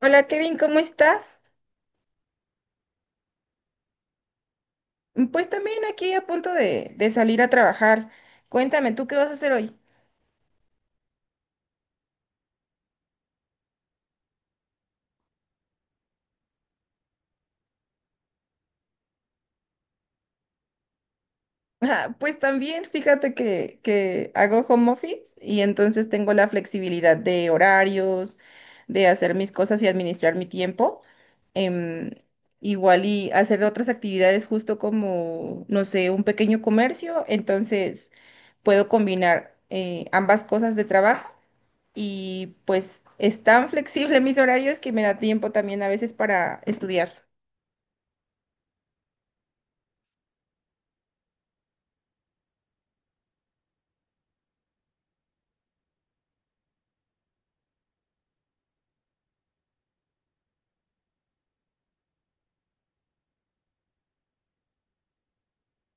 Hola Kevin, ¿cómo estás? Pues también aquí a punto de salir a trabajar. Cuéntame, ¿tú qué vas a hacer hoy? Ah, pues también, fíjate que hago home office y entonces tengo la flexibilidad de horarios, de hacer mis cosas y administrar mi tiempo. Em, Igual y hacer otras actividades justo como, no sé, un pequeño comercio. Entonces puedo combinar ambas cosas de trabajo y pues es tan flexible mis horarios que me da tiempo también a veces para estudiar.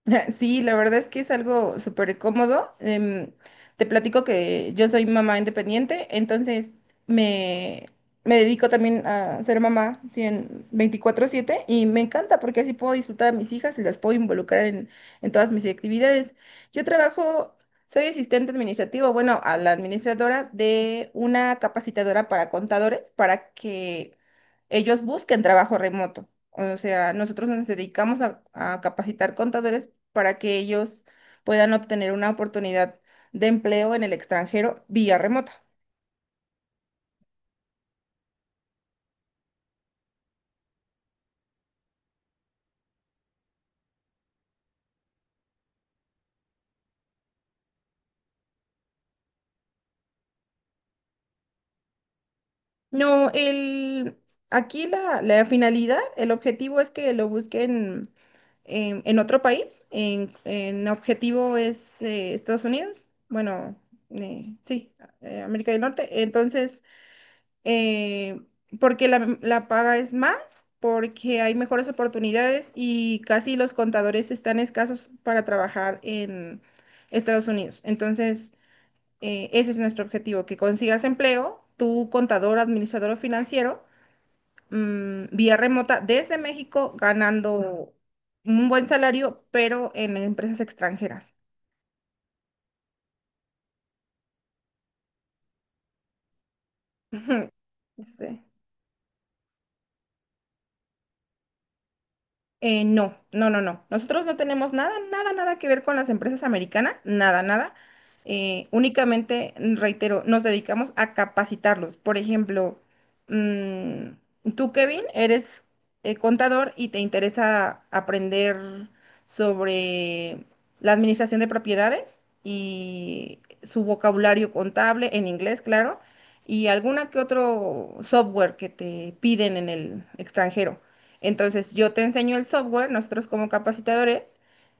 Sí, la verdad es que es algo súper cómodo. Te platico que yo soy mamá independiente, entonces me, me dedico también a ser mamá 100 24/7 y me encanta porque así puedo disfrutar a mis hijas y las puedo involucrar en todas mis actividades. Yo trabajo, soy asistente administrativo, bueno, a la administradora de una capacitadora para contadores para que ellos busquen trabajo remoto. O sea, nosotros nos dedicamos a capacitar contadores para que ellos puedan obtener una oportunidad de empleo en el extranjero vía remota. No, aquí la finalidad, el objetivo es que lo busquen en otro país. En objetivo es Estados Unidos, bueno, sí, América del Norte. Entonces, eh, porque la paga es más, porque hay mejores oportunidades y casi los contadores están escasos para trabajar en Estados Unidos. Entonces, ese es nuestro objetivo, que consigas empleo, tu contador, administrador o financiero, vía remota desde México, ganando un buen salario, pero en empresas extranjeras. Sí. No, no, no, no. Nosotros no tenemos nada, nada, nada que ver con las empresas americanas, nada, nada. Únicamente, reitero, nos dedicamos a capacitarlos. Por ejemplo, mm, tú, Kevin, eres contador y te interesa aprender sobre la administración de propiedades y su vocabulario contable en inglés, claro, y alguna que otro software que te piden en el extranjero. Entonces, yo te enseño el software, nosotros como capacitadores,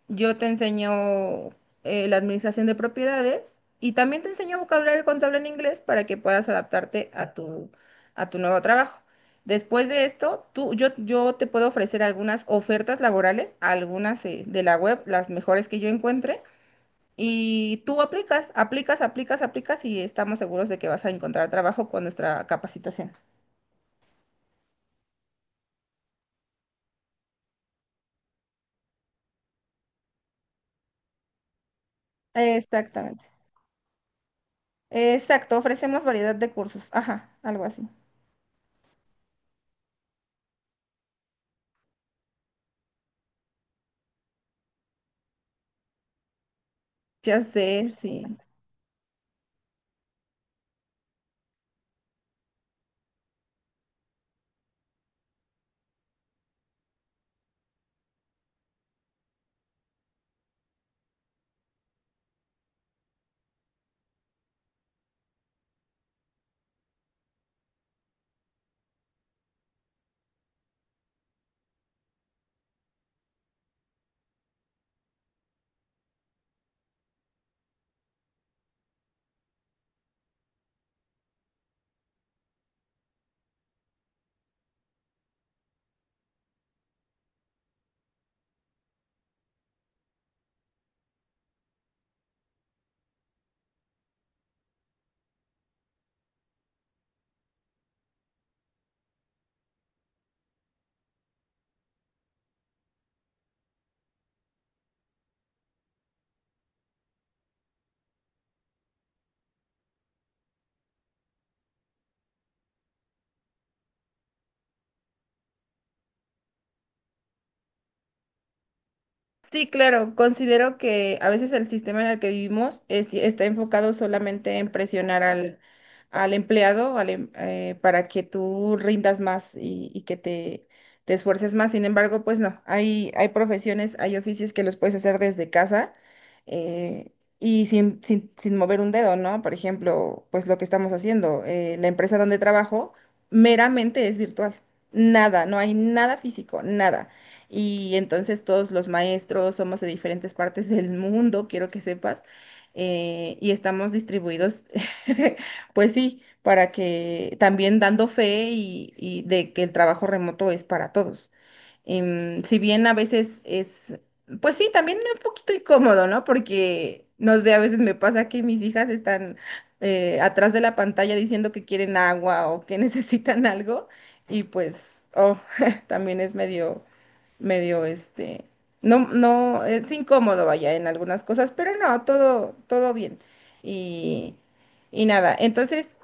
yo te enseño la administración de propiedades y también te enseño vocabulario contable en inglés para que puedas adaptarte a tu nuevo trabajo. Después de esto, yo te puedo ofrecer algunas ofertas laborales, algunas de la web, las mejores que yo encuentre, y tú aplicas, aplicas, aplicas, aplicas y estamos seguros de que vas a encontrar trabajo con nuestra capacitación. Exactamente. Exacto, ofrecemos variedad de cursos. Ajá, algo así. Ya sé, sí. Sí, claro, considero que a veces el sistema en el que vivimos está enfocado solamente en presionar al empleado para que tú rindas más y que te esfuerces más. Sin embargo, pues no, hay profesiones, hay oficios que los puedes hacer desde casa, eh, y sin mover un dedo, ¿no? Por ejemplo, pues lo que estamos haciendo, la empresa donde trabajo meramente es virtual. Nada, no hay nada físico, nada. Y entonces todos los maestros somos de diferentes partes del mundo, quiero que sepas, y estamos distribuidos, pues sí, para que también dando fe y de que el trabajo remoto es para todos. Si bien a veces es, pues sí, también un poquito incómodo, ¿no? Porque, no sé, a veces me pasa que mis hijas están atrás de la pantalla diciendo que quieren agua o que necesitan algo, y pues, oh, también es medio medio, no, no, es incómodo, vaya, en algunas cosas, pero no, todo, todo bien. Y, y nada, entonces,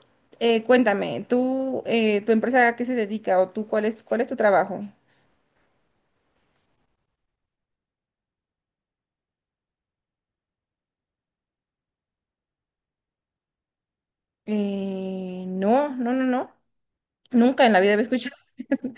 cuéntame, tú, tu empresa a qué se dedica o tú, ¿cuál es tu trabajo? No, no, no, no, nunca en la vida había escuchado.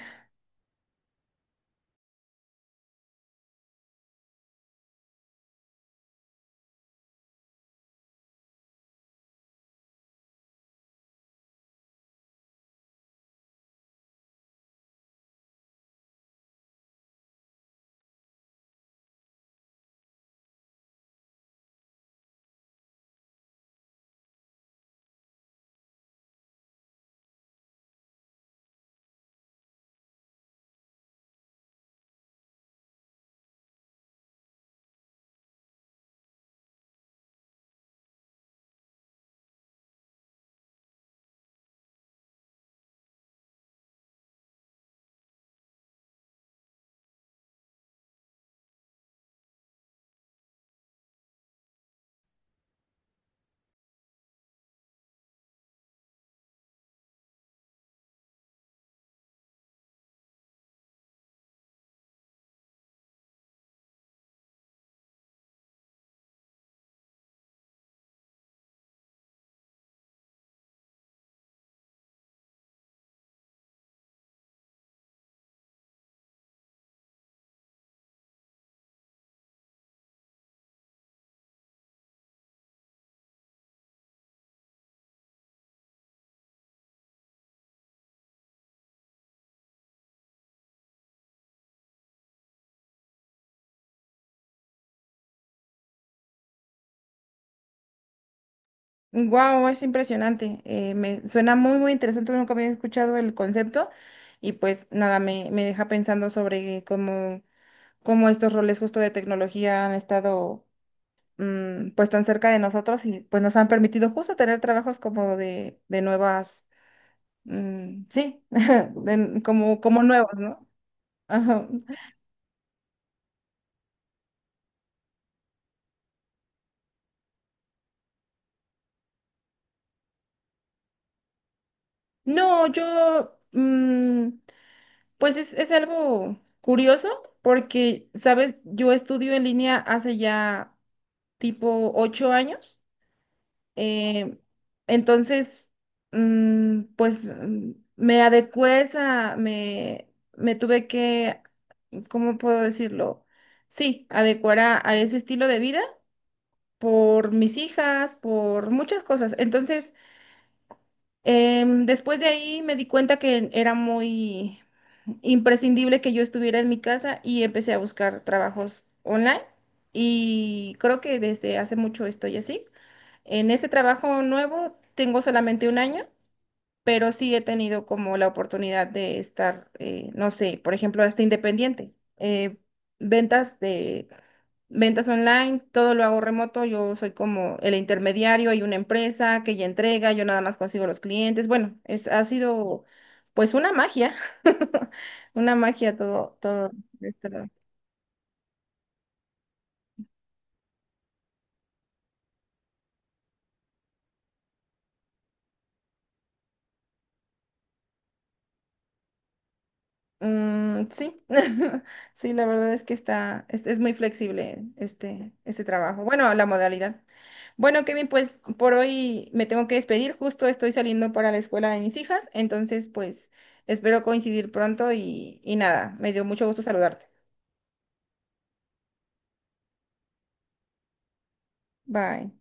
Wow, es impresionante. Me suena muy, muy interesante. Nunca había escuchado el concepto y pues nada, me deja pensando sobre cómo estos roles justo de tecnología han estado. Pues tan cerca de nosotros y pues nos han permitido justo tener trabajos como de nuevas, mm, sí, como nuevos, ¿no? Ajá. No, pues es algo curioso porque, sabes, yo estudio en línea hace ya tipo 8 años, eh, entonces, pues me adecué a esa, me tuve que ¿cómo puedo decirlo? Sí, adecuar a ese estilo de vida por mis hijas, por muchas cosas. Entonces, después de ahí me di cuenta que era muy imprescindible que yo estuviera en mi casa y empecé a buscar trabajos online y creo que desde hace mucho estoy así. En este trabajo nuevo tengo solamente un año. Pero sí he tenido como la oportunidad de estar, no sé, por ejemplo, hasta independiente. Ventas de Ventas online, todo lo hago remoto, yo soy como el intermediario, hay una empresa que ya entrega, yo nada más consigo los clientes. Bueno, ha sido pues una magia, una magia todo, todo esto. Mm, sí, sí, la verdad es que es muy flexible este trabajo. Bueno, la modalidad. Bueno, Kevin, pues por hoy me tengo que despedir, justo estoy saliendo para la escuela de mis hijas, entonces pues espero coincidir pronto y nada, me dio mucho gusto saludarte. Bye.